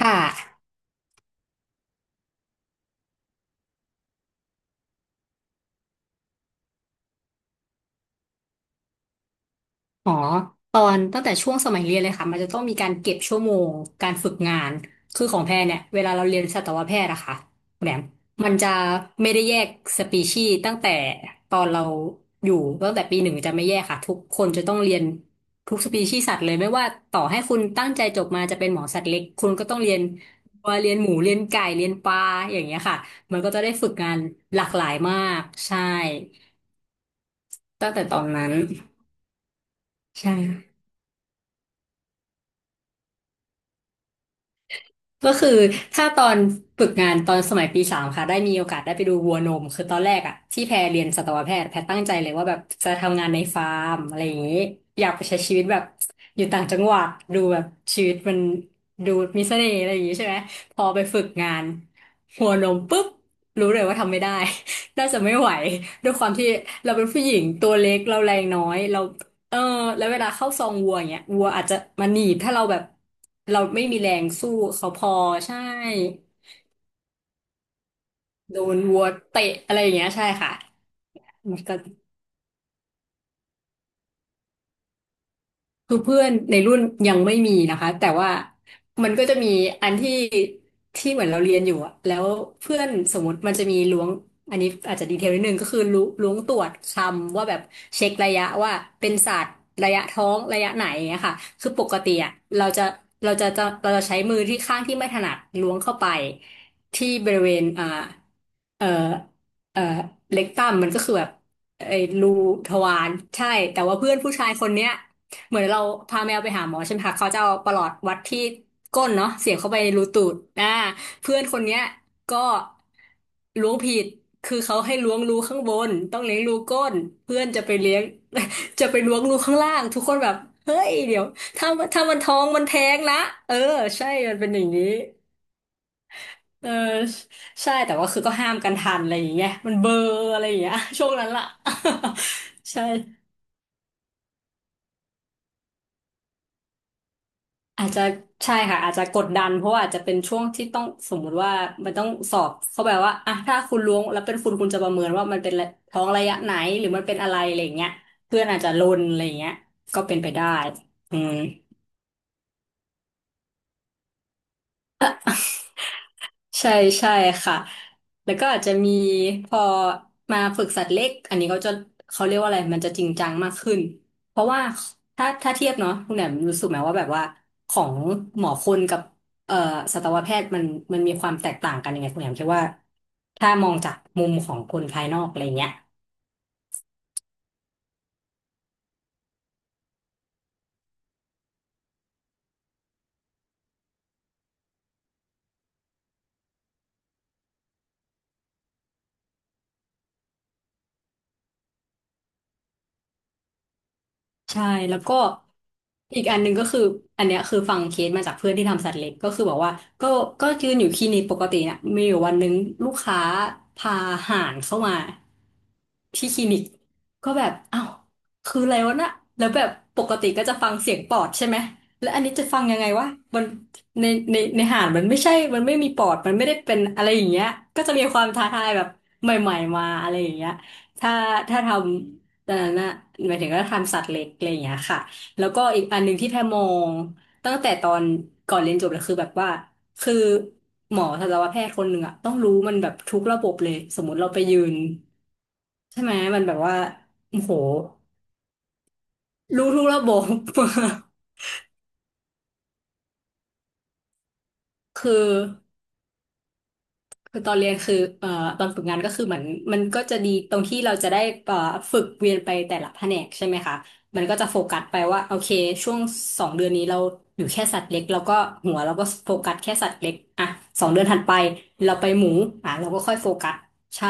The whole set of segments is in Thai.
ค่ะอ๋อตอนตั้งแต่ช่วงสมัยเรียนเลยค่ะมันจะต้องมีการเก็บชั่วโมงการฝึกงานคือของแพรเนี่ยเวลาเราเรียนสัตวแพทย์อะค่ะคุณแหม่มมันจะไม่ได้แยกสปีชีส์ตั้งแต่ตอนเราอยู่ตั้งแต่ปีหนึ่งจะไม่แยกค่ะทุกคนจะต้องเรียนทุกสปีชีส์สัตว์เลยไม่ว่าต่อให้คุณตั้งใจจบมาจะเป็นหมอสัตว์เล็กคุณก็ต้องเรียนวัวเรียนหมูเรียนไก่เรียนปลาอย่างเงี้ยค่ะมันก็จะได้ฝึกงานหลากหลายมากใช่ตั้งแต่ตอนนั้นใช่ ก็คือถ้าตอนฝึกงานตอนสมัยปีสามค่ะได้มีโอกาสได้ไปดูวัวนมคือตอนแรกอะที่แพรเรียนสัตวแพทย์แพรตั้งใจเลยว่าแบบจะทำงานในฟาร์มอะไรอย่างนี้อยากไปใช้ชีวิตแบบอยู่ต่างจังหวัดดูแบบชีวิตมันดูมีเสน่ห์อะไรอย่างนี้ใช่ไหมพอไปฝึกงานวัวนมปุ๊บรู้เลยว่าทำไม่ได้ น่าจะไม่ไหวด้วยความที่เราเป็นผู้หญิงตัวเล็กเราแรงน้อยเรา เออแล้วเวลาเข้าซองวัวอย่างเงี้ยวัวอาจจะมาหนีบถ้าเราแบบเราไม่มีแรงสู้เขาพอใช่โดนวัวเตะอะไรอย่างเงี้ยใช่ค่ะมันก็ คือเพื่อนในรุ่นยังไม่มีนะคะแต่ว่ามันก็จะมีอันที่ที่เหมือนเราเรียนอยู่อะแล้วเพื่อนสมมติมันจะมีล้วงอันนี้อาจจะดีเทลนิดนึงก็คือล้วงตรวจคำว่าแบบเช็คระยะว่าเป็นศาสตร์ระยะท้องระยะไหนอย่างเงี้ยค่ะคือปกติอะเราจะเราจะใช้มือที่ข้างที่ไม่ถนัดล้วงเข้าไปที่บริเวณเอ่อเอ่อเล็กตัมมันก็คือแบบไอ้รูทวารใช่แต่ว่าเพื่อนผู้ชายคนเนี้ย เหมือนเราพาแมวไปหาหมอใช่ไหมคะเขาจะเอาประหลอดวัดที่ก้นเนาะเสียบเข้าไปในรูตูดเพื่อนคนเนี้ยก็ล้วงผิดคือเขาให้ล้วงรูข้างบนต้องเลี้ยงรูก้นเพื่อนจะไปเลี้ยง จะไปล้วงรูข้างล่างทุกคนแบบเฮ้ยเดี๋ยวถ้าถ้ามันท้องมันแท้งนะเออใช่มันเป็นอย่างนี้เออใช่แต่ว่าคือก็ห้ามกันทันอะไรอย่างเงี้ยมันเบลอร์อะไรอย่างเงี้ย ช่วงนั้นล่ะ ใช่ อาจจะใช่ค่ะอาจจะกดดันเพราะว่าอาจจะเป็นช่วงที่ต้องสมมุติว่ามันต้องสอบเขาแบบว่าอ่ะถ้าคุณล้วงแล้วเป็นคุณคุณจะประเมินว่ามันเป็นท้องระยะไหนหรือมันเป็นอะไรอะไรอย่างเงี้ยเพื่อนอาจจะลนอะไรอย่างเงี้ยก็เป็นไปได้อืม ใช่ใช่ค่ะ แล้วก็อาจจะมีพอมาฝึกสัตว์เล็กอันนี้เขาจะเขาเรียกว่าอะไรมันจะจริงจังมากขึ้น เพราะว่าถ้าเทียบเนาะคุณแหนมรู้สึกไหมว่าแบบว่าของหมอคนกับเอ่อสัตวแพทย์มันมีความแตกต่างกันยังไงคุณแหนมคิดว่าถ้ามองจากมุมของคนภายนอกอะไรเงี้ย ใช่แล้วก็อีกอันหนึ่งก็คืออันเนี้ยคือฟังเคสมาจากเพื่อนที่ทำสัตว์เล็กก็คือบอกว่าก็ก็ยืนอยู่คลินิกปกติเนี่ยมีอยู่วันหนึงลูกค้าพาห่านเข้ามาที่คลินิกก็แบบอ้าวคืออะไรวะน่ะแล้วแบบปกติก็จะฟังเสียงปอดใช่ไหมแล้วอันนี้จะฟังยังไงวะมันในในห่านมันไม่ใช่มันไม่มีปอดมันไม่ได้เป็นอะไรอย่างเงี้ยก็จะมีความท้าทายแบบใหม่ๆมาอะไรอย่างเงี้ยถ้าถ้าทำ แตอนนั้นน่ะหมายถึงก็ทำสัตว์เล็กอะไรอย่างเงี้ยค่ะแล้วก็อีกอันหนึ่งที่แพรมองตั้งแต่ตอนก่อนเรียนจบเลยคือแบบว่าคือหมอทันตวแพทย์คนหนึ่งอะต้องรู้มันแบบทุกระบบเลยสมมติเราไปยืนใช่ไหมมันแบบว่าโอ้โหรู้ทุกระบบ คือ คือตอนเรียนคือตอนฝึกงานก็คือเหมือนมันก็จะดีตรงที่เราจะได้เอ่อฝึกเวียนไปแต่ละแผนกใช่ไหมคะมันก็จะโฟกัสไปว่าโอเคช่วงสองเดือนนี้เราอยู่แค่สัตว์เล็กแล้วก็หัวเราก็โฟกัสแค่สัตว์เล็กอ่ะสองเดือนถัดไปเราไปหมูอ่ะเราก็ค่อยโฟกัสใช่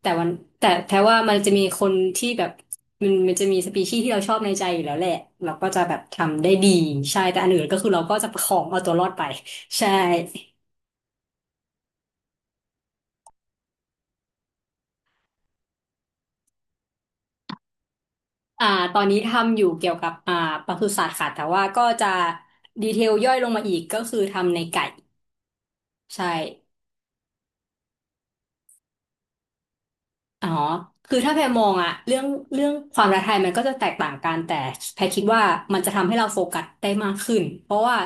แต่วันแต่แท้ว่ามันจะมีคนที่แบบมันจะมีสปีชีส์ที่เราชอบในใจอยู่แล้วแหละเราก็จะแบบทำได้ดีใช่แต่อันอื่นก็คือเราก็จะประคองเอาตัวรอดไป ใช่ อ่าตอนนี้ทำอยู่เกี่ยวกับปศุสัตว์ค่ะแต่ว่าก็จะดีเทลย่อยลงมาอีกก็คือทำในไก่ใช่อ๋อคือถ้าแพรมองอะเรื่องความท้าทายมันก็จะแตกต่างกันแต่แพรคิดว่ามันจะทำให้เราโฟกัสได้มากขึ้นเพราะว่า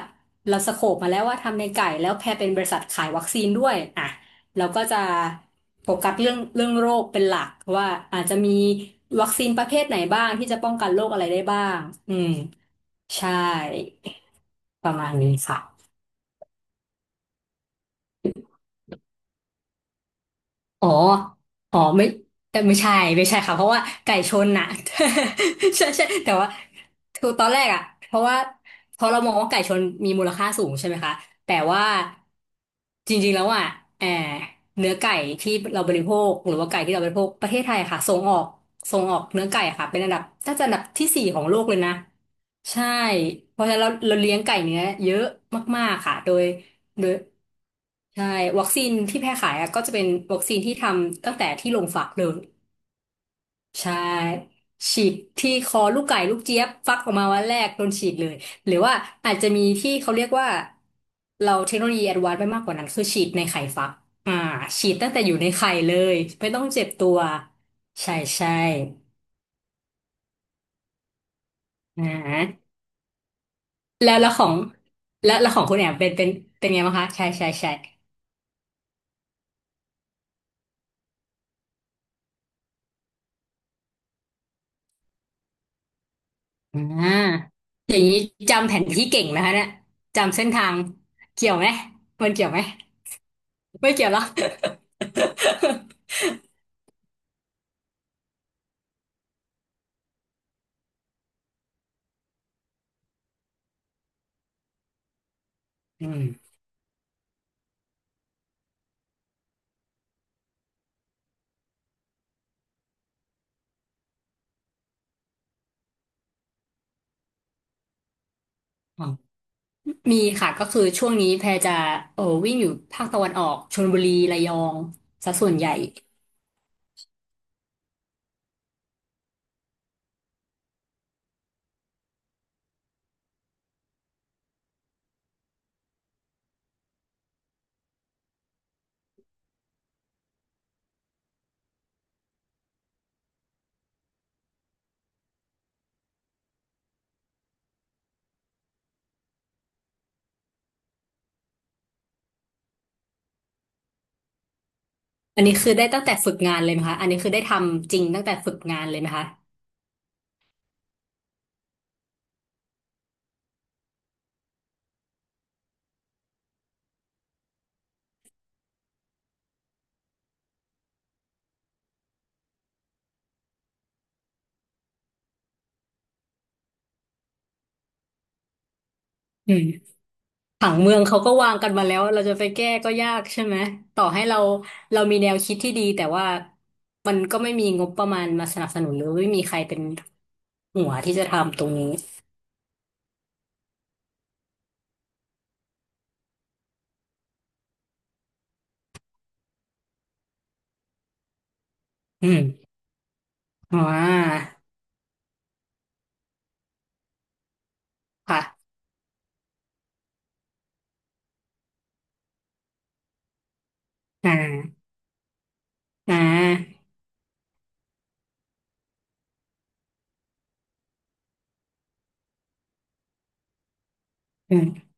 เราสโคปมาแล้วว่าทำในไก่แล้วแพรเป็นบริษัทขายวัคซีนด้วยอ่ะเราก็จะโฟกัสเรื่องโรคเป็นหลักว่าอาจจะมีวัคซีนประเภทไหนบ้างที่จะป้องกันโรคอะไรได้บ้างอืมใช่ประมาณนี้ค่ะ อ๋ออ๋อไม่แต่ไม่ใช่ไม่ใช่ค่ะเพราะว่าไก่ชนน่ะ ใช่ใช่แต่ว่าคือตอนแรกอ่ะเพราะว่าเพราะเรามองว่าไก่ชนมีมูลค่าสูงใช่ไหมคะแต่ว่าจริงๆแล้วอ่ะแออเนื้อไก่ที่เราบริโภคหรือว่าไก่ที่เราบริโภคประเทศไทยค่ะส่งออกส่งออกเนื้อไก่ค่ะเป็นอันดับน่าจะอันดับที่สี่ของโลกเลยนะใช่เพราะฉะนั้นเราเลี้ยงไก่เนื้อเยอะมากๆค่ะโดย โดยใช่วัคซีนที่แพร่ขายอะก็จะเป็นวัคซีนที่ทำตั้งแต่ที่โรงฝากเลยใช่ฉีดที่คอลูกไก่ลูกเจี๊ยบฟักออกมาวันแรกโดนฉีดเลยหรือว่าอาจจะมีที่เขาเรียกว่าเราเทคโนโลยีแอดวานซ์ไปมากกว่านั้นคือฉีดในไข่ฟักอ่าฉีดตั้งแต่อยู่ในไข่เลยไม่ต้องเจ็บตัวใช่ใช่อ่าแล้วแล้วของแล้วแล้วของคุณแอมเป็นไงบ้างคะใช่ใช่ใช่ อ่าอย่างนี้จำแผนที่เก่งนะคะเนี่ยจำเส้นทางเกี่ยวไหมมันเกี่ยวไหมไม่เกี่ยวหรอกอืมอ๋อมีค่ะก็คือช่วงนี้แพรจะเออวิ่งอยู่ภาคตะวันออกชลบุรีระยองซะส่วนใหญ่อันนี้คือได้ตั้งแต่ฝึกงานเลยไหมคะอันนี้คือได้ทำจริงตั้งแต่ฝึกงานเลยไหมคะอืม ผังเมืองเขาก็วางกันมาแล้วเราจะไปแก้ก็ยากใช่ไหมต่อให้เราเรามีแนวคิดที่ดีแต่ว่ามันก็ไม่มีงบประมาณมาสนับสนุนหรือไม่มีใครเป็นหัวที่จะทำตรงนี้อืมอ๋อค่ะอ่าอ่าอืม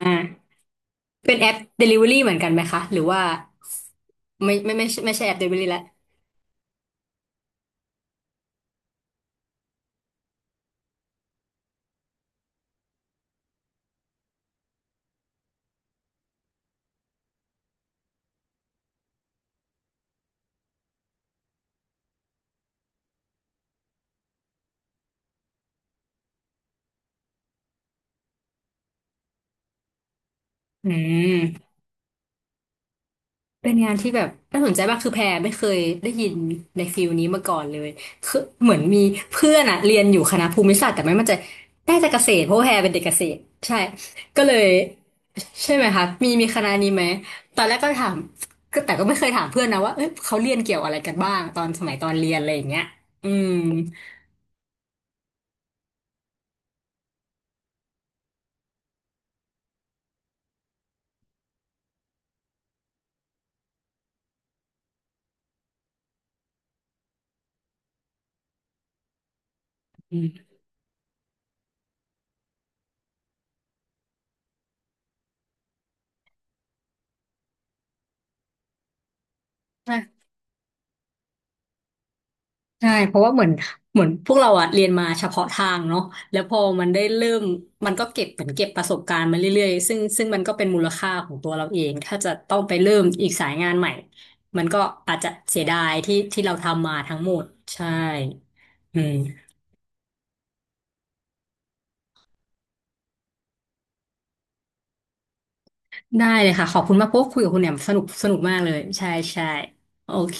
อ่าเป็นแอป Delivery เหมือนกันไหมคะหรือว่าไม่ไม่ไม่ใช่ไม่ใช่แอป Delivery ละอืม เป็นงานที่แบบน่าสนใจมากคือแพรไม่เคยได้ยินในฟิลนี้มาก่อนเลยคือเหมือนมีเพื่อนอะเรียนอยู่คณะภูมิศาสตร์แต่ไม่มั่นใจน่าจะเกษตรเพราะว่าแพรเป็นเด็กเกษตรใช่ก็เลยใช่ไหมคะมีคณะนี้ไหมตอนแรกก็ถามก็แต่ก็ไม่เคยถามเพื่อนนะว่าเอ้ยเขาเรียนเกี่ยวอะไรกันบ้างตอนสมัยตอนเรียนอะไรอย่างเงี้ยอืมอืม ใช่เพราะว่าเหมือนเหมือนพวกเราอะเรียนมาเฉพาะทางเนาะแล้วพอมันได้เริ่มมันก็เก็บเหมือนเก็บประสบการณ์มาเรื่อยๆซึ่งมันก็เป็นมูลค่าของตัวเราเองถ้าจะต้องไปเริ่มอีกสายงานใหม่มันก็อาจจะเสียดายที่ที่เราทำมาทั้งหมดใช่อืมได้เลยค่ะขอบคุณมากพวกคุยกับคุณแหม่มสนุกสนุกมากเลยใช่ใช่โอเค